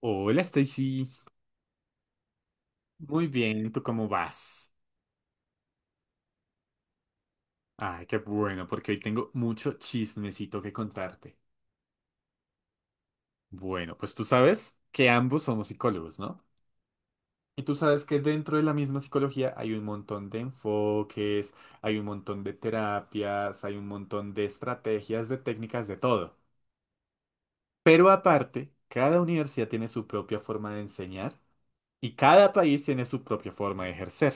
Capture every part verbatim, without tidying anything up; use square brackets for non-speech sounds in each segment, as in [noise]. Hola Stacy, muy bien, ¿tú cómo vas? Ay, qué bueno, porque hoy tengo mucho chismecito que contarte. Bueno, pues tú sabes que ambos somos psicólogos, ¿no? Y tú sabes que dentro de la misma psicología hay un montón de enfoques, hay un montón de terapias, hay un montón de estrategias, de técnicas, de todo. Pero aparte, cada universidad tiene su propia forma de enseñar y cada país tiene su propia forma de ejercer.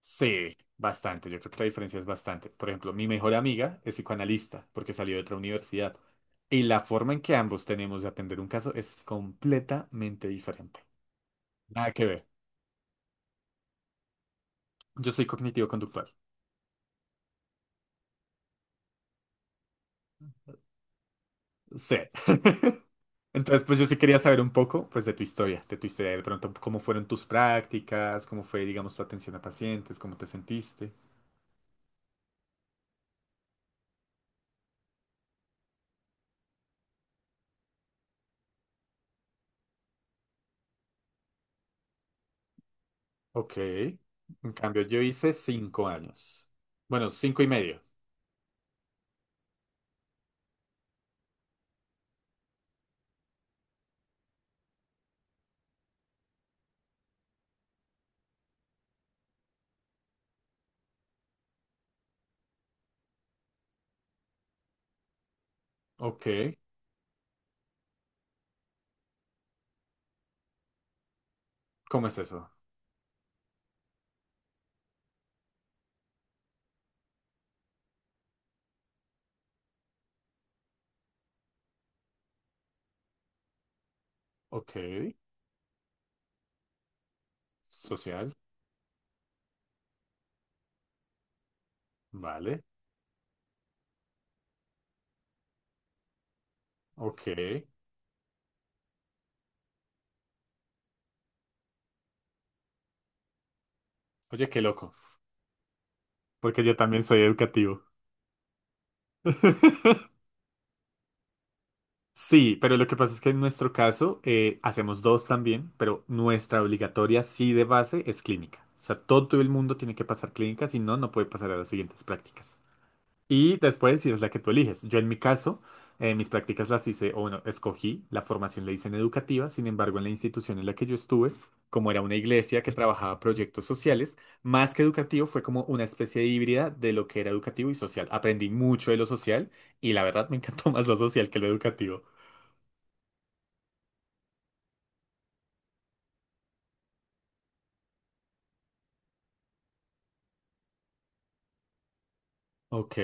Sí, bastante. Yo creo que la diferencia es bastante. Por ejemplo, mi mejor amiga es psicoanalista porque salió de otra universidad. Y la forma en que ambos tenemos de atender un caso es completamente diferente. Nada que ver. Yo soy cognitivo-conductual. Sí. [laughs] Entonces, pues yo sí quería saber un poco, pues, de tu historia, de tu historia, de pronto, cómo fueron tus prácticas, cómo fue, digamos, tu atención a pacientes, cómo te sentiste. Ok. En cambio, yo hice cinco años. Bueno, cinco y medio. Ok. ¿Cómo es eso? Ok. Social, vale, ok. Oye, qué loco, porque yo también soy educativo. [laughs] Sí, pero lo que pasa es que en nuestro caso eh, hacemos dos también, pero nuestra obligatoria sí de base es clínica. O sea, todo el mundo tiene que pasar clínica, si no, no puede pasar a las siguientes prácticas. Y después, si es la que tú eliges. Yo en mi caso, eh, mis prácticas las hice, o bueno, escogí, la formación la hice en educativa, sin embargo, en la institución en la que yo estuve, como era una iglesia que trabajaba proyectos sociales, más que educativo, fue como una especie de híbrida de lo que era educativo y social. Aprendí mucho de lo social y la verdad me encantó [laughs] más lo social que lo educativo. Ok.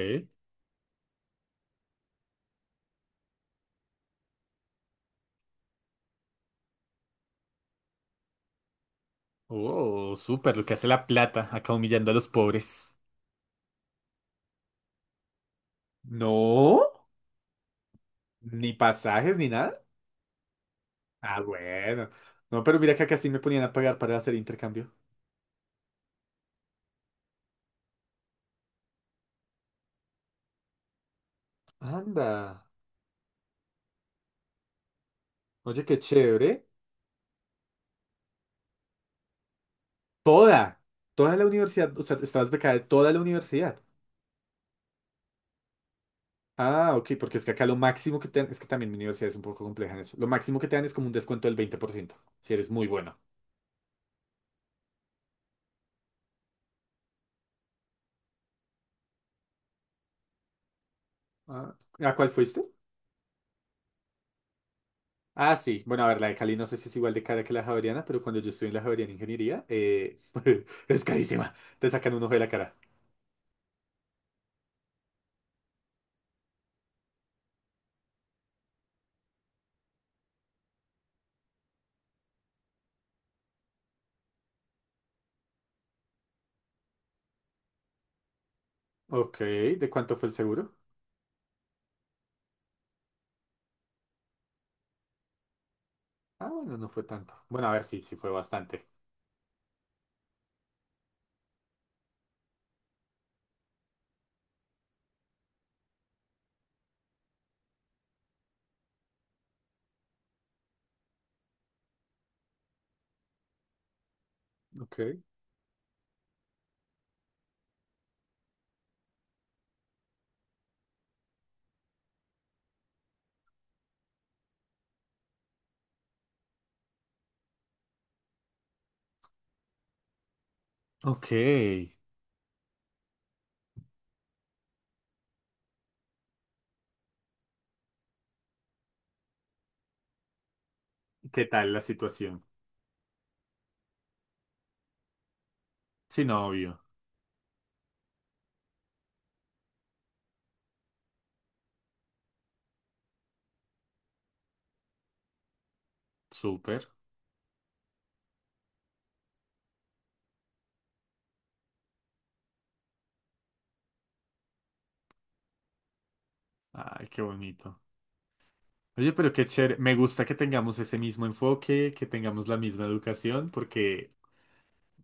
Oh, súper, lo que hace la plata, acá humillando a los pobres. No, ni pasajes ni nada. Ah, bueno. No, pero mira que acá sí me ponían a pagar para hacer intercambio. Anda. Oye, qué chévere. Toda, toda la universidad, o sea, estabas becada de toda la universidad. Ah, ok, porque es que acá lo máximo que te dan, es que también mi universidad es un poco compleja en eso. Lo máximo que te dan es como un descuento del veinte por ciento si eres muy bueno. Ah, ¿a cuál fuiste? Ah, sí. Bueno, a ver, la de Cali no sé si es igual de cara que la Javeriana, pero cuando yo estuve en la Javeriana Ingeniería, eh, [laughs] es carísima. Te sacan un ojo de la cara. Ok, ¿de cuánto fue el seguro? Ah, bueno, no fue tanto. Bueno, a ver, sí, sí fue bastante. Ok. Ok. ¿Qué tal la situación? Sí, no, obvio. Súper. Ay, qué bonito. Oye, pero qué chévere. Me gusta que tengamos ese mismo enfoque, que tengamos la misma educación, porque,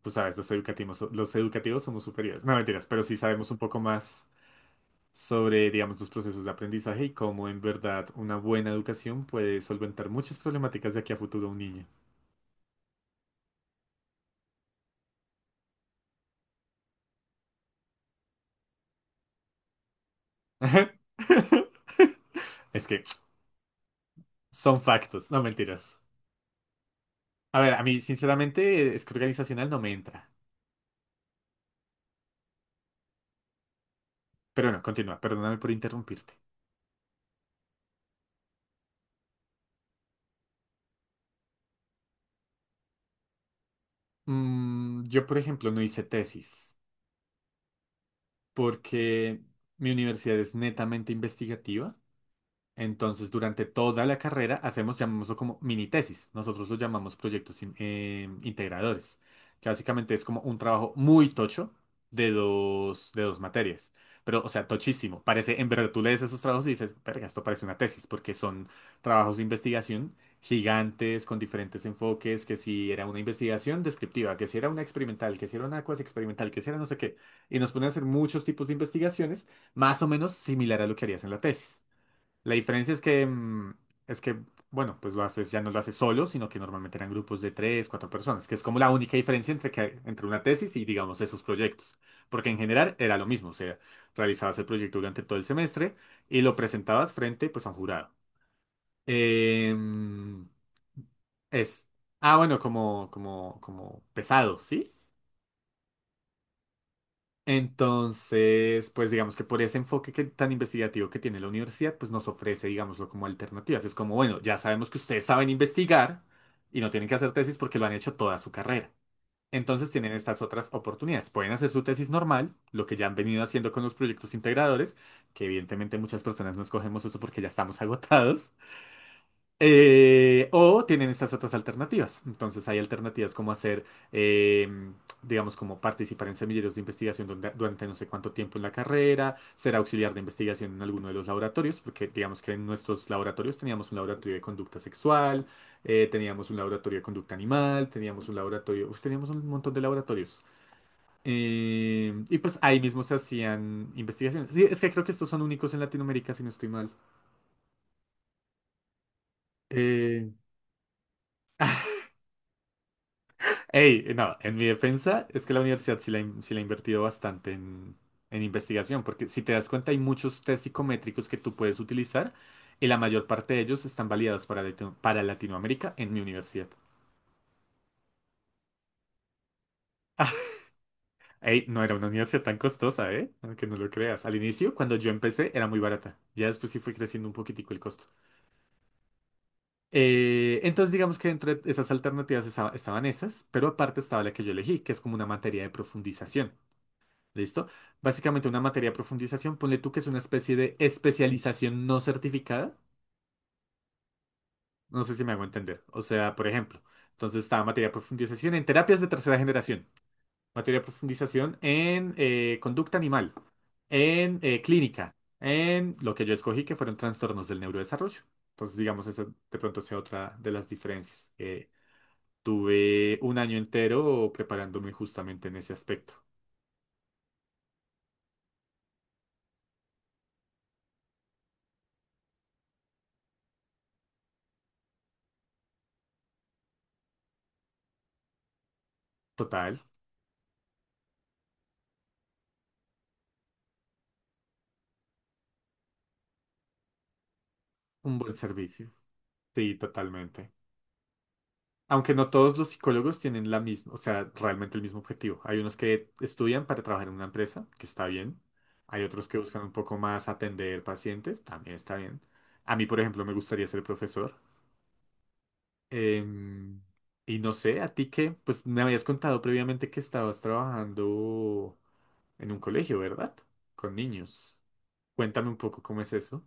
pues, sabes, los educativos, so- los educativos somos superiores. No, mentiras, pero sí sabemos un poco más sobre, digamos, los procesos de aprendizaje y cómo en verdad una buena educación puede solventar muchas problemáticas de aquí a futuro a un niño. [laughs] Es que son factos, no mentiras. A ver, a mí sinceramente es que organizacional no me entra. Pero no, continúa, perdóname por interrumpirte. Mm, yo, por ejemplo, no hice tesis porque mi universidad es netamente investigativa. Entonces, durante toda la carrera hacemos, llamémoslo como mini tesis. Nosotros lo llamamos proyectos in- eh, integradores, que básicamente es como un trabajo muy tocho de dos, de dos materias. Pero, o sea, tochísimo. Parece, en verdad, tú lees esos trabajos y dices, verga, esto parece una tesis, porque son trabajos de investigación gigantes, con diferentes enfoques, que si era una investigación descriptiva, que si era una experimental, que si era una cuasi experimental, que si era no sé qué. Y nos ponen a hacer muchos tipos de investigaciones, más o menos similar a lo que harías en la tesis. La diferencia es que, mm, es que, bueno, pues lo haces, ya no lo haces solo, sino que normalmente eran grupos de tres, cuatro personas, que es como la única diferencia entre, que, entre una tesis y, digamos, esos proyectos. Porque en general era lo mismo, o sea, realizabas el proyecto durante todo el semestre y lo presentabas frente, pues, a un jurado. Em, es, ah, bueno, como, como, como pesado, ¿sí? Entonces, pues digamos que por ese enfoque que- tan investigativo que tiene la universidad, pues nos ofrece, digámoslo, como alternativas. Es como, bueno, ya sabemos que ustedes saben investigar y no tienen que hacer tesis porque lo han hecho toda su carrera. Entonces tienen estas otras oportunidades. Pueden hacer su tesis normal, lo que ya han venido haciendo con los proyectos integradores, que evidentemente muchas personas no escogemos eso porque ya estamos [laughs] agotados. Eh, o tienen estas otras alternativas. Entonces hay alternativas como hacer, em, digamos, como participar en semilleros de investigación donde- durante no sé cuánto tiempo en la carrera, ser auxiliar de investigación en alguno de los laboratorios, porque digamos que en nuestros laboratorios teníamos un laboratorio de conducta sexual, eh, teníamos un laboratorio de conducta animal, teníamos un laboratorio, pues, teníamos un montón de laboratorios. Em, y pues ahí mismo se hacían investigaciones. Sí, es que creo que estos son únicos en Latinoamérica, si no estoy mal. Eh, Ey, no, en mi defensa es que la universidad sí la, in- sí la ha invertido bastante en, en investigación, porque si te das cuenta hay muchos test psicométricos que tú puedes utilizar y la mayor parte de ellos están validados para, Latino- para Latinoamérica en mi universidad. [laughs] Ey, no era una universidad tan costosa, ¿eh? Aunque no lo creas. Al inicio, cuando yo empecé, era muy barata. Ya después sí fue creciendo un poquitico el costo. Eh, entonces, digamos que entre esas alternativas esa- estaban esas, pero aparte estaba la que yo elegí, que es como una materia de profundización. ¿Listo? Básicamente una materia de profundización, ponle tú que es una especie de especialización no certificada. No sé si me hago entender. O sea, por ejemplo, entonces estaba materia de profundización en terapias de tercera generación, materia de profundización en eh, conducta animal, en eh, clínica, en lo que yo escogí que fueron trastornos del neurodesarrollo. Entonces, digamos, esa de pronto sea otra de las diferencias. Eh, tuve un año entero preparándome justamente en ese aspecto. Total, un buen servicio. Sí, totalmente. Aunque no todos los psicólogos tienen la misma, o sea, realmente el mismo objetivo. Hay unos que estudian para trabajar en una empresa, que está bien. Hay otros que buscan un poco más atender pacientes, también está bien. A mí, por ejemplo, me gustaría ser profesor. Em, y no sé, a ti que, pues me habías contado previamente que estabas trabajando en un colegio, ¿verdad? Con niños. Cuéntame un poco cómo es eso.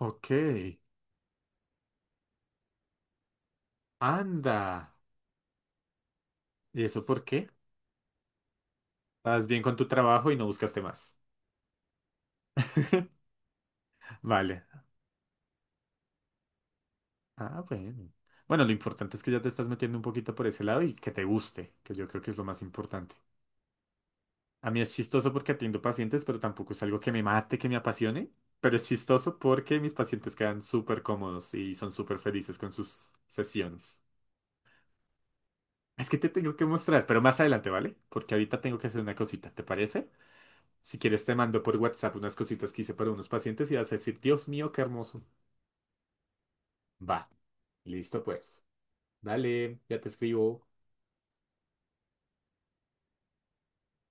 Ok, anda. ¿Y eso por qué? ¿Estás bien con tu trabajo y no buscaste más? [laughs] Vale. Ah, bueno. Bueno, lo importante es que ya te estás metiendo un poquito por ese lado y que te guste, que yo creo que es lo más importante. A mí es chistoso porque atiendo pacientes, pero tampoco es algo que me mate, que me apasione. Pero es chistoso porque mis pacientes quedan súper cómodos y son súper felices con sus sesiones. Es que te tengo que mostrar, pero más adelante, ¿vale? Porque ahorita tengo que hacer una cosita, ¿te parece? Si quieres te mando por WhatsApp unas cositas que hice para unos pacientes y vas a decir, Dios mío, qué hermoso. Va, listo pues. Dale, ya te escribo.